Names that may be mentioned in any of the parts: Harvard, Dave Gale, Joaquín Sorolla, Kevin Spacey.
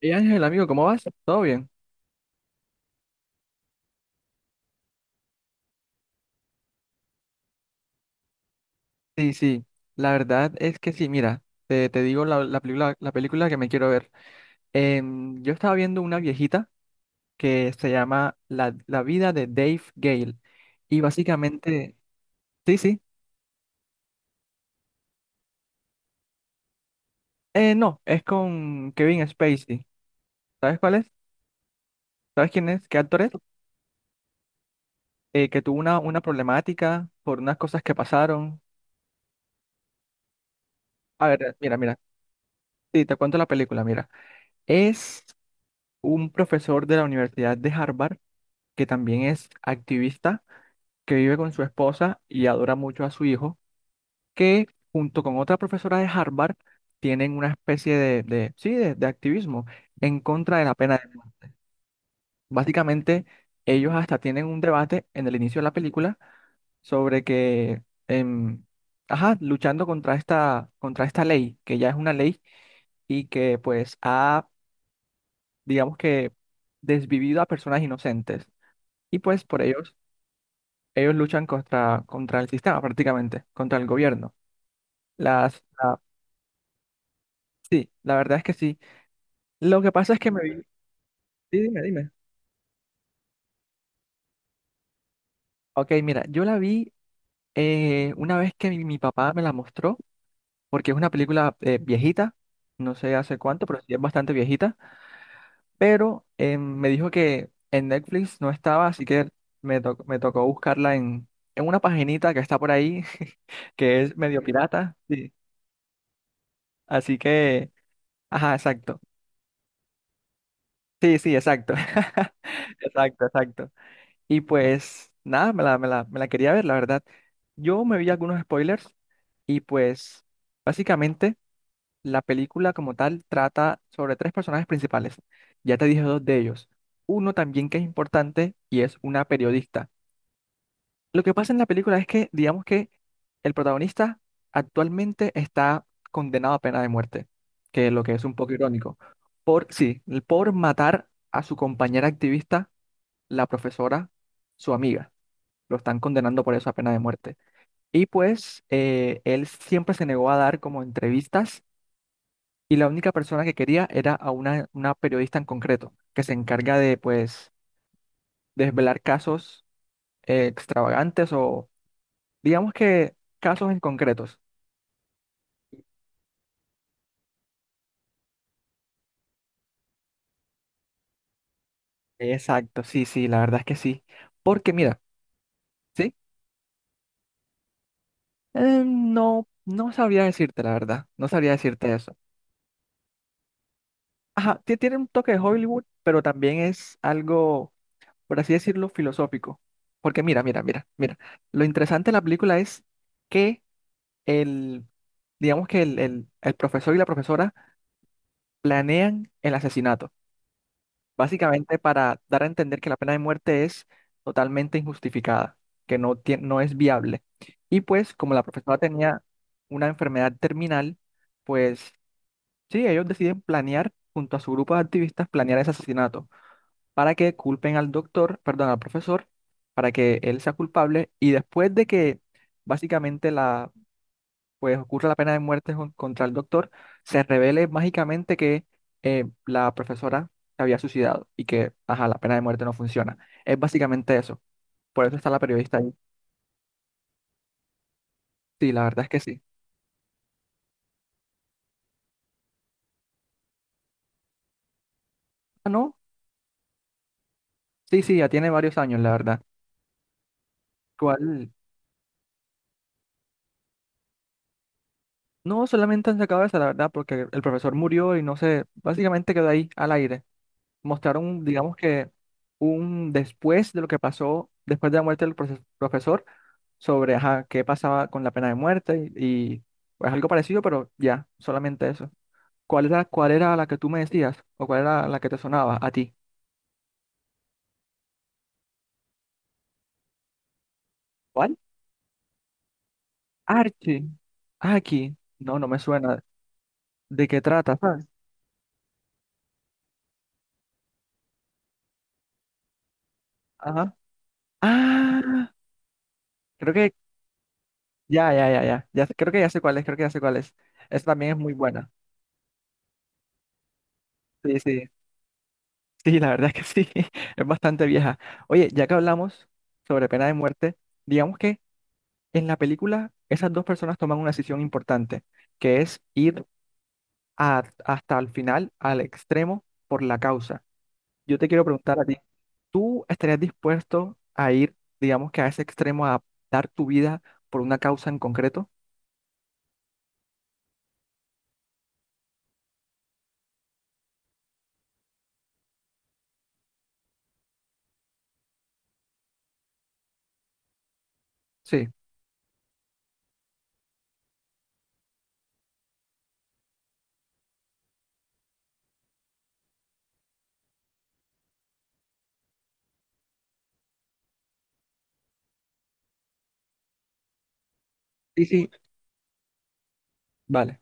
Y Ángel, amigo, ¿cómo vas? ¿Todo bien? Sí, sí, la verdad es que sí, mira, te digo la película que me quiero ver. Yo estaba viendo una viejita que se llama La vida de Dave Gale y básicamente, sí, sí, no, es con Kevin Spacey. ¿Sabes cuál es? ¿Sabes quién es? ¿Qué actor es? Que tuvo una problemática por unas cosas que pasaron. A ver, mira, sí, te cuento la película, mira. Es un profesor de la Universidad de Harvard que también es activista, que vive con su esposa y adora mucho a su hijo, que junto con otra profesora de Harvard tienen una especie sí, de activismo en contra de la pena de muerte. Básicamente, ellos hasta tienen un debate en el inicio de la película sobre que, em, ajá, luchando contra esta ley, que ya es una ley y que pues ha, digamos que, desvivido a personas inocentes. Y pues por ellos, ellos luchan contra el sistema prácticamente, contra el gobierno. Las, la- sí, la verdad es que sí. Lo que pasa es que me vi... Sí, dime, dime. Ok, mira, yo la vi una vez que mi papá me la mostró, porque es una película viejita, no sé hace cuánto, pero sí es bastante viejita, pero me dijo que en Netflix no estaba, así que me tocó buscarla en una paginita que está por ahí, que es medio pirata, sí. Así que, ajá, exacto. Sí, sí, exacto. Exacto, exacto. Y pues nada, me la quería ver, la verdad. Yo me vi algunos spoilers y pues básicamente la película como tal trata sobre tres personajes principales. Ya te dije dos de ellos. Uno también que es importante y es una periodista. Lo que pasa en la película es que, digamos que el protagonista actualmente está condenado a pena de muerte, que es lo que es un poco irónico, por, sí, por matar a su compañera activista, la profesora, su amiga. Lo están condenando por eso a pena de muerte. Y pues él siempre se negó a dar como entrevistas y la única persona que quería era a una periodista en concreto, que se encarga de pues desvelar casos extravagantes. Digamos que casos en concretos. Exacto, sí, sí, la verdad es que sí. Porque mira, ¿sí? No, no sabría decirte, la verdad. No sabría decirte eso. Ajá, tiene un toque de Hollywood, pero también es algo, por así decirlo, filosófico. Porque mira. Lo interesante de la película es que el, digamos que el profesor y la profesora planean el asesinato. Básicamente para dar a entender que la pena de muerte es totalmente injustificada, que no, no es viable. Y pues como la profesora tenía una enfermedad terminal, pues sí, ellos deciden planear, junto a su grupo de activistas, planear ese asesinato para que culpen al doctor, perdón, al profesor, para que él sea culpable. Y después de que básicamente la pues ocurre la pena de muerte contra el doctor, se revele mágicamente que la profesora se había suicidado y que, ajá, la pena de muerte no funciona. Es básicamente eso. Por eso está la periodista ahí. Sí, la verdad es que sí. Ah, no. Sí, sí, ya tiene varios años, la verdad. ¿Cuál? No, solamente han sacado esa, la verdad, porque el profesor murió y no sé, básicamente quedó ahí al aire. Mostraron, digamos que, un después de lo que pasó, después de la muerte del profesor sobre ajá, qué pasaba con la pena de muerte y pues algo parecido, pero ya, solamente eso. ¿Cuál era la que tú me decías o cuál era la que te sonaba a ti? ¿Cuál? Archie. Ah, Aquí. No, no me suena. ¿De qué trata? ¿Sabes? Ajá. Ah, creo que ya, ya, ya, ya, ya. Creo que ya sé cuál es, Esa también es muy buena. Sí, sí. Sí, la verdad es que sí. Es bastante vieja. Oye, ya que hablamos sobre pena de muerte, digamos que en la película, esas dos personas toman una decisión importante, que es ir hasta el final, al extremo, por la causa. Yo te quiero preguntar a ti, ¿tú estarías dispuesto a ir, digamos que a ese extremo, a dar tu vida por una causa en concreto? Sí, sí, sí. Vale,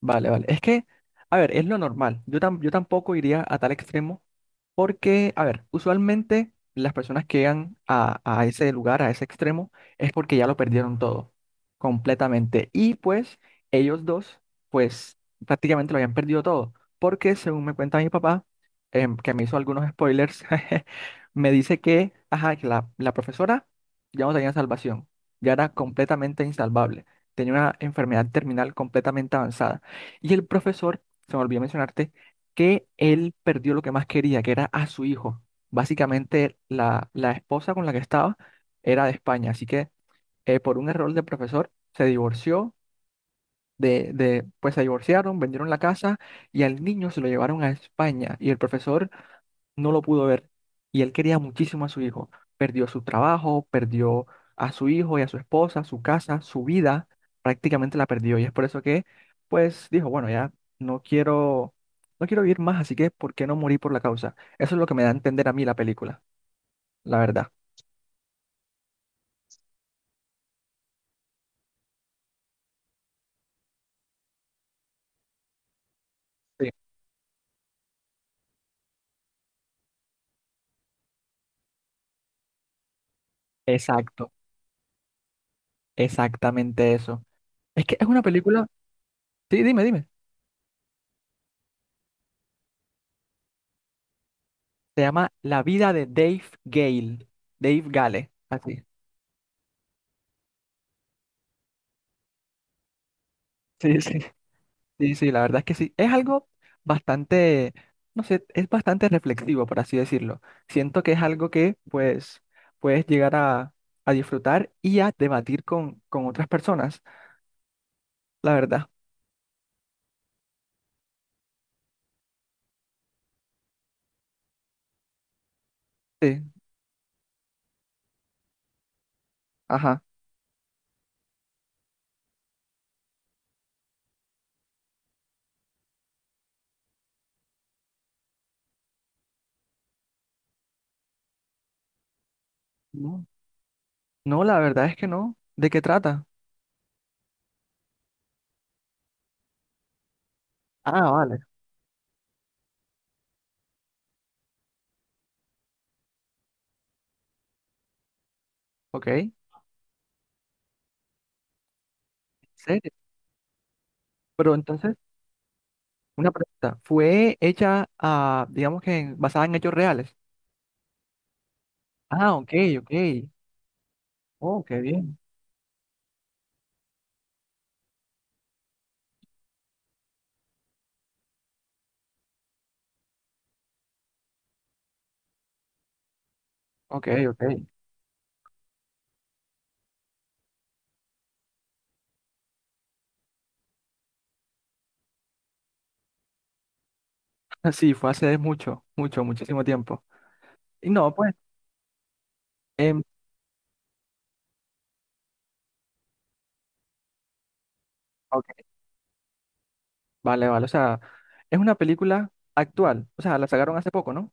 vale, vale. Es que, a ver, es lo normal. Yo tampoco iría a tal extremo. Porque, a ver, usualmente las personas que llegan a ese lugar, a ese extremo, es porque ya lo perdieron todo, completamente. Y pues ellos dos, pues prácticamente lo habían perdido todo. Porque según me cuenta mi papá, que me hizo algunos spoilers, me dice que, ajá, que la profesora ya no tenía salvación, ya era completamente insalvable, tenía una enfermedad terminal completamente avanzada. Y el profesor, se me olvidó mencionarte, que él perdió lo que más quería, que era a su hijo. Básicamente, la esposa con la que estaba era de España, así que por un error del profesor se divorció pues se divorciaron, vendieron la casa y al niño se lo llevaron a España y el profesor no lo pudo ver y él quería muchísimo a su hijo. Perdió su trabajo, perdió a su hijo y a su esposa, su casa, su vida, prácticamente la perdió y es por eso que, pues dijo, bueno, ya no quiero, no quiero, vivir más, así que ¿por qué no morir por la causa? Eso es lo que me da a entender a mí la película, la verdad. Sí. Exacto, exactamente eso. Es que es una película, sí, dime, dime. Se llama La vida de Dave Gale. Dave Gale, así. Sí, sí. Sí, sí, la verdad es que sí. Es algo bastante, no sé, es bastante reflexivo, por así decirlo. Siento que es algo que, pues, puedes llegar a, disfrutar y a debatir con otras personas, la verdad. Sí, ajá. No, no, la verdad es que no. ¿De qué trata? Ah, vale. Ok. ¿En serio? Pero entonces, una pregunta. ¿Fue hecha, ah, digamos que basada en hechos reales? Ah, ok, ok. Oh, qué bien. Ok, ok. Sí, fue hace mucho, mucho, muchísimo tiempo. Y no, pues, em, ok, vale, vale. O sea, es una película actual. O sea, la sacaron hace poco, ¿no?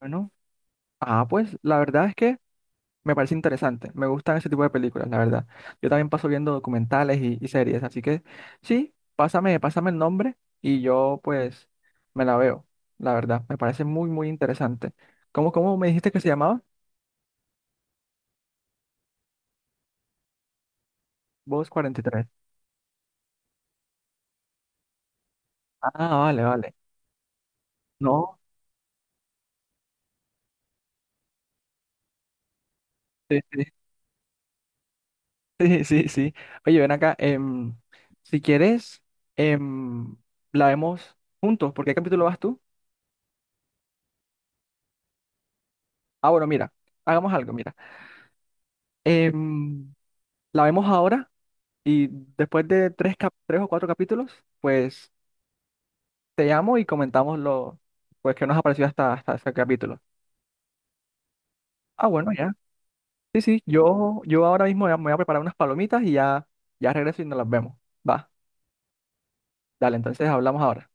Bueno, pues, la verdad es que me parece interesante. Me gustan ese tipo de películas, la verdad. Yo también paso viendo documentales y series, así que sí, pásame, pásame el nombre y yo, pues, me la veo. La verdad, me parece muy, muy interesante. ¿Cómo me dijiste que se llamaba? Voz 43. Ah, vale, vale. No, sí, sí, sí, sí, sí. Oye, ven acá, si quieres, em, la vemos juntos. ¿Por qué capítulo vas tú? Ah, bueno, mira, hagamos algo, mira. Em, la vemos ahora y después de tres o cuatro capítulos, pues te llamo y comentamos lo pues, que nos ha parecido hasta este capítulo. Ah, bueno, ya. Sí, sí, yo, ahora mismo ya me voy a preparar unas palomitas y ya, ya regreso y nos las vemos. Va, dale, entonces hablamos ahora.